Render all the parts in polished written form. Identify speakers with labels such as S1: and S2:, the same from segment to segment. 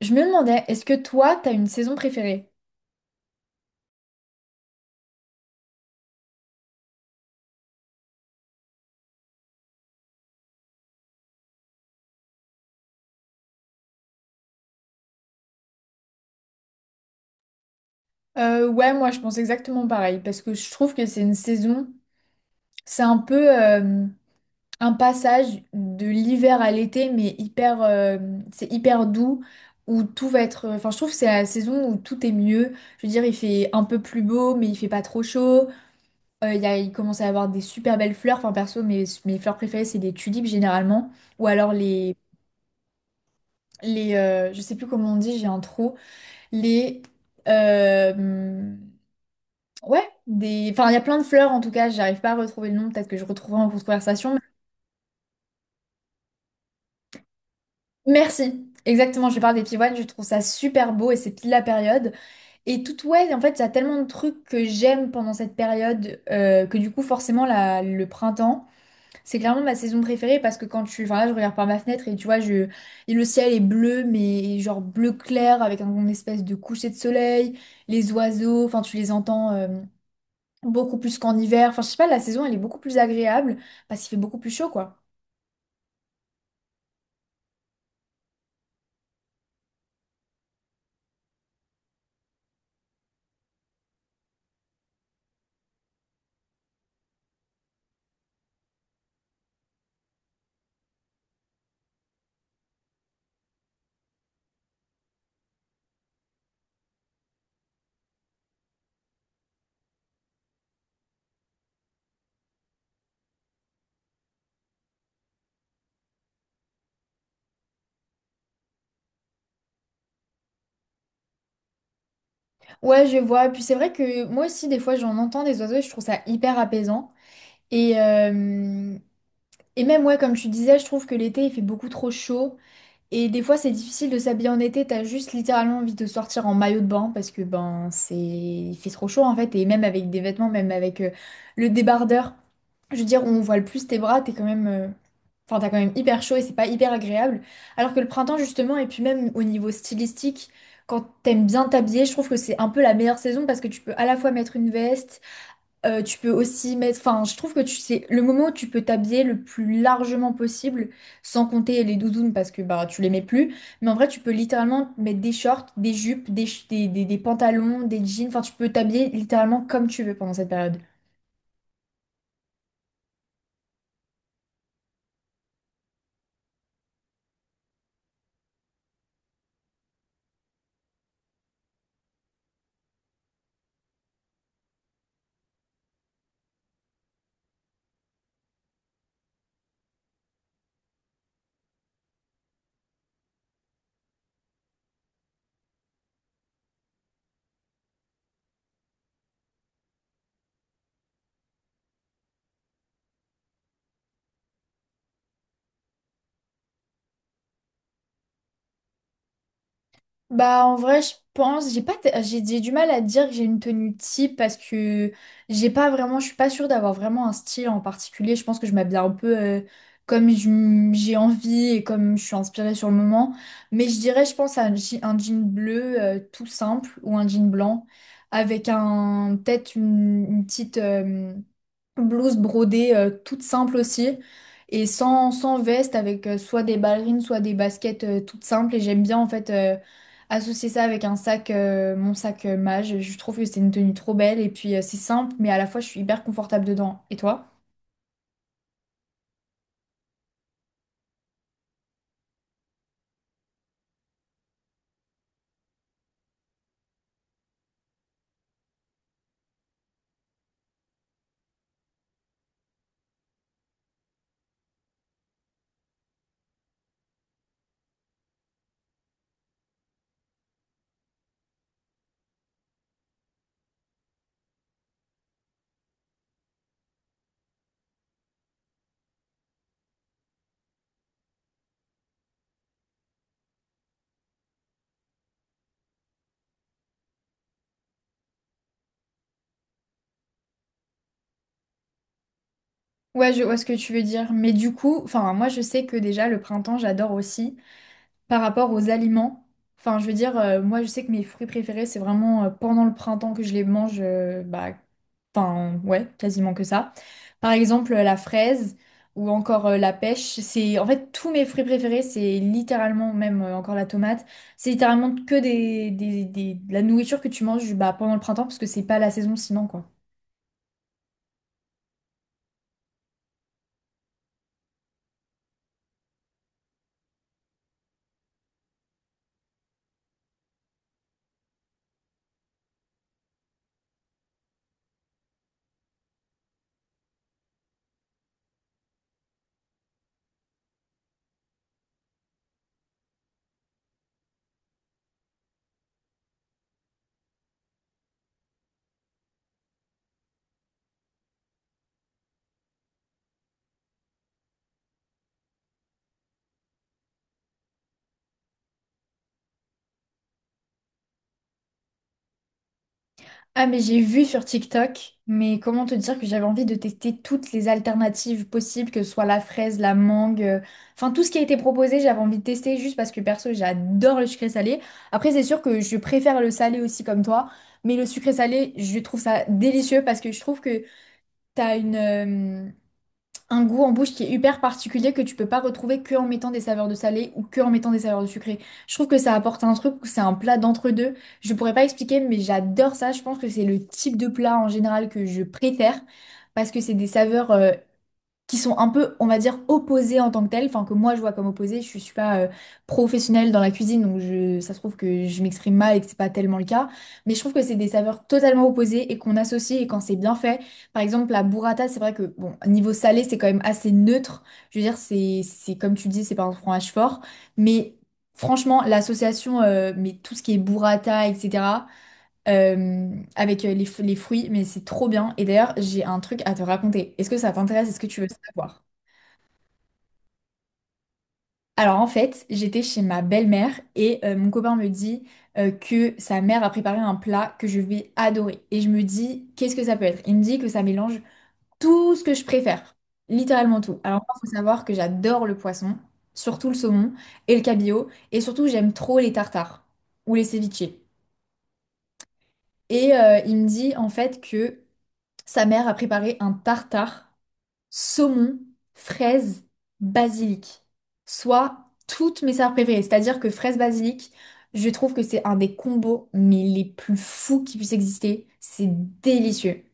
S1: Je me demandais, est-ce que toi, t'as une saison préférée? Ouais, moi, je pense exactement pareil, parce que je trouve que c'est une saison, c'est un peu un passage de l'hiver à l'été, mais hyper, c'est hyper doux, où tout va être. Enfin, je trouve que c'est la saison où tout est mieux. Je veux dire, il fait un peu plus beau, mais il fait pas trop chaud. Il y a, il commence à y avoir des super belles fleurs. Enfin, perso, mes fleurs préférées, c'est les tulipes généralement, ou alors les, je sais plus comment on dit, j'ai un trou. Les euh, ouais, des, enfin, il y a plein de fleurs, en tout cas j'arrive pas à retrouver le nom, peut-être que je retrouverai en cours de conversation. Merci, exactement, je parle des pivoines, je trouve ça super beau et c'est pile la période et tout. Ouais, en fait, il y a tellement de trucs que j'aime pendant cette période que du coup forcément le printemps, c'est clairement ma saison préférée, parce que quand tu, enfin là je regarde par ma fenêtre et tu vois, je, et le ciel est bleu, mais genre bleu clair avec un une espèce de coucher de soleil, les oiseaux, enfin tu les entends beaucoup plus qu'en hiver. Enfin, je sais pas, la saison, elle est beaucoup plus agréable parce qu'il fait beaucoup plus chaud, quoi. Ouais, je vois. Puis c'est vrai que moi aussi, des fois, j'en entends des oiseaux et je trouve ça hyper apaisant. Et, euh, et même, ouais, comme tu disais, je trouve que l'été, il fait beaucoup trop chaud. Et des fois, c'est difficile de s'habiller en été, t'as juste littéralement envie de sortir en maillot de bain parce que ben c'est, il fait trop chaud en fait, et même avec des vêtements, même avec le débardeur, je veux dire on voit le plus tes bras, t'es quand même enfin t'as quand même hyper chaud et c'est pas hyper agréable. Alors que le printemps justement, et puis même au niveau stylistique, quand t'aimes bien t'habiller, je trouve que c'est un peu la meilleure saison parce que tu peux à la fois mettre une veste, tu peux aussi mettre, enfin, je trouve que tu sais, le moment où tu peux t'habiller le plus largement possible, sans compter les doudounes parce que bah tu les mets plus, mais en vrai, tu peux littéralement mettre des shorts, des jupes, des pantalons, des jeans, enfin, tu peux t'habiller littéralement comme tu veux pendant cette période. Bah en vrai je pense j'ai pas t- j'ai du mal à dire que j'ai une tenue type parce que j'ai pas vraiment, je suis pas sûre d'avoir vraiment un style en particulier, je pense que je m'habille un peu comme j'ai envie et comme je suis inspirée sur le moment, mais je dirais je pense à un, un jean bleu tout simple ou un jean blanc avec un peut-être une petite blouse brodée toute simple aussi et sans veste, avec soit des ballerines soit des baskets toutes simples, et j'aime bien en fait associer ça avec un sac, mon sac mage, je trouve que c'est une tenue trop belle et puis c'est simple mais à la fois je suis hyper confortable dedans. Et toi? Ouais, je vois ce que tu veux dire, mais du coup, enfin moi je sais que déjà le printemps j'adore aussi par rapport aux aliments. Enfin, je veux dire, moi, je sais que mes fruits préférés, c'est vraiment pendant le printemps que je les mange, bah, enfin, ouais, quasiment que ça. Par exemple, la fraise ou encore la pêche, c'est en fait tous mes fruits préférés, c'est littéralement, même encore la tomate, c'est littéralement que de la nourriture que tu manges bah, pendant le printemps parce que c'est pas la saison sinon, quoi. Ah, mais j'ai vu sur TikTok, mais comment te dire que j'avais envie de tester toutes les alternatives possibles, que ce soit la fraise, la mangue, enfin tout ce qui a été proposé, j'avais envie de tester juste parce que perso, j'adore le sucré salé. Après, c'est sûr que je préfère le salé aussi comme toi, mais le sucré salé, je trouve ça délicieux parce que je trouve que t'as une, euh, un goût en bouche qui est hyper particulier que tu peux pas retrouver que en mettant des saveurs de salé ou que en mettant des saveurs de sucré. Je trouve que ça apporte un truc, c'est un plat d'entre-deux. Je pourrais pas expliquer, mais j'adore ça. Je pense que c'est le type de plat en général que je préfère parce que c'est des saveurs qui sont un peu, on va dire, opposés en tant que tels, enfin que moi je vois comme opposés, je suis pas professionnelle dans la cuisine, donc je, ça se trouve que je m'exprime mal et que c'est pas tellement le cas, mais je trouve que c'est des saveurs totalement opposées et qu'on associe, et quand c'est bien fait, par exemple la burrata, c'est vrai que, bon, niveau salé, c'est quand même assez neutre, je veux dire, c'est comme tu dis, c'est pas un fromage fort, mais franchement, l'association, mais tout ce qui est burrata, etc., avec les fruits, mais c'est trop bien. Et d'ailleurs, j'ai un truc à te raconter. Est-ce que ça t'intéresse? Est-ce que tu veux savoir? Alors en fait, j'étais chez ma belle-mère et mon copain me dit que sa mère a préparé un plat que je vais adorer. Et je me dis, qu'est-ce que ça peut être? Il me dit que ça mélange tout ce que je préfère, littéralement tout. Alors moi, faut savoir que j'adore le poisson, surtout le saumon et le cabillaud, et surtout j'aime trop les tartares ou les ceviches. Et il me dit en fait que sa mère a préparé un tartare saumon, fraise, basilic. Soit toutes mes saveurs préférées. C'est-à-dire que fraise, basilic, je trouve que c'est un des combos mais les plus fous qui puissent exister. C'est délicieux.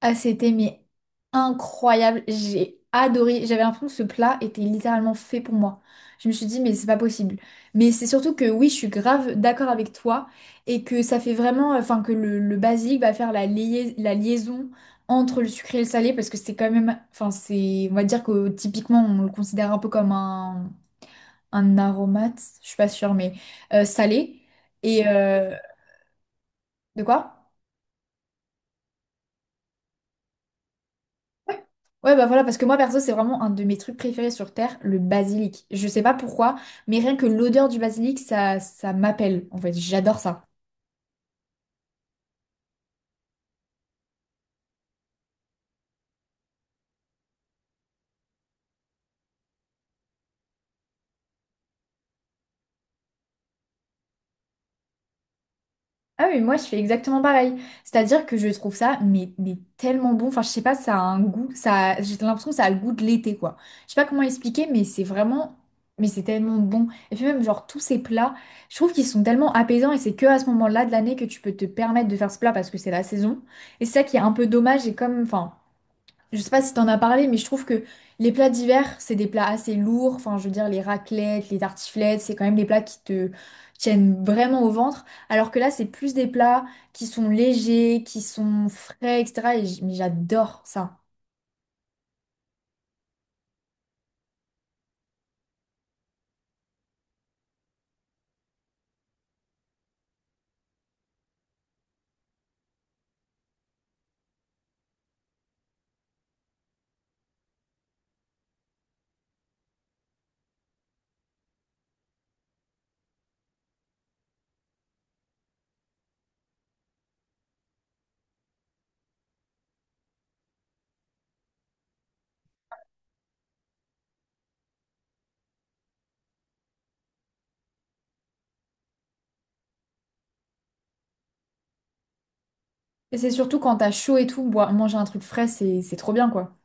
S1: Ah, c'était mais incroyable. J'ai adoré. J'avais l'impression que ce plat était littéralement fait pour moi. Je me suis dit, mais c'est pas possible. Mais c'est surtout que oui, je suis grave d'accord avec toi et que ça fait vraiment, enfin, que le basique va faire la liaison entre le sucré et le salé parce que c'est quand même, enfin, c'est, on va dire que typiquement, on le considère un peu comme un aromate, je suis pas sûre, mais salé. Et euh, de quoi? Ouais, bah voilà, parce que moi, perso, c'est vraiment un de mes trucs préférés sur Terre, le basilic. Je sais pas pourquoi, mais rien que l'odeur du basilic, ça m'appelle. En fait, j'adore ça. Ah oui, moi, je fais exactement pareil. C'est-à-dire que je trouve ça, mais tellement bon. Enfin, je sais pas, ça a un goût. Ça, j'ai l'impression que ça a le goût de l'été, quoi. Je sais pas comment expliquer, mais c'est vraiment. Mais c'est tellement bon. Et puis même, genre, tous ces plats, je trouve qu'ils sont tellement apaisants et c'est que à ce moment-là de l'année que tu peux te permettre de faire ce plat parce que c'est la saison. Et c'est ça qui est un peu dommage et comme, enfin. Je sais pas si t'en as parlé, mais je trouve que les plats d'hiver, c'est des plats assez lourds. Enfin, je veux dire, les raclettes, les tartiflettes, c'est quand même des plats qui te tiennent vraiment au ventre. Alors que là, c'est plus des plats qui sont légers, qui sont frais, etc. Mais j'adore ça. Et c'est surtout quand t'as chaud et tout, manger un truc frais, c'est trop bien, quoi.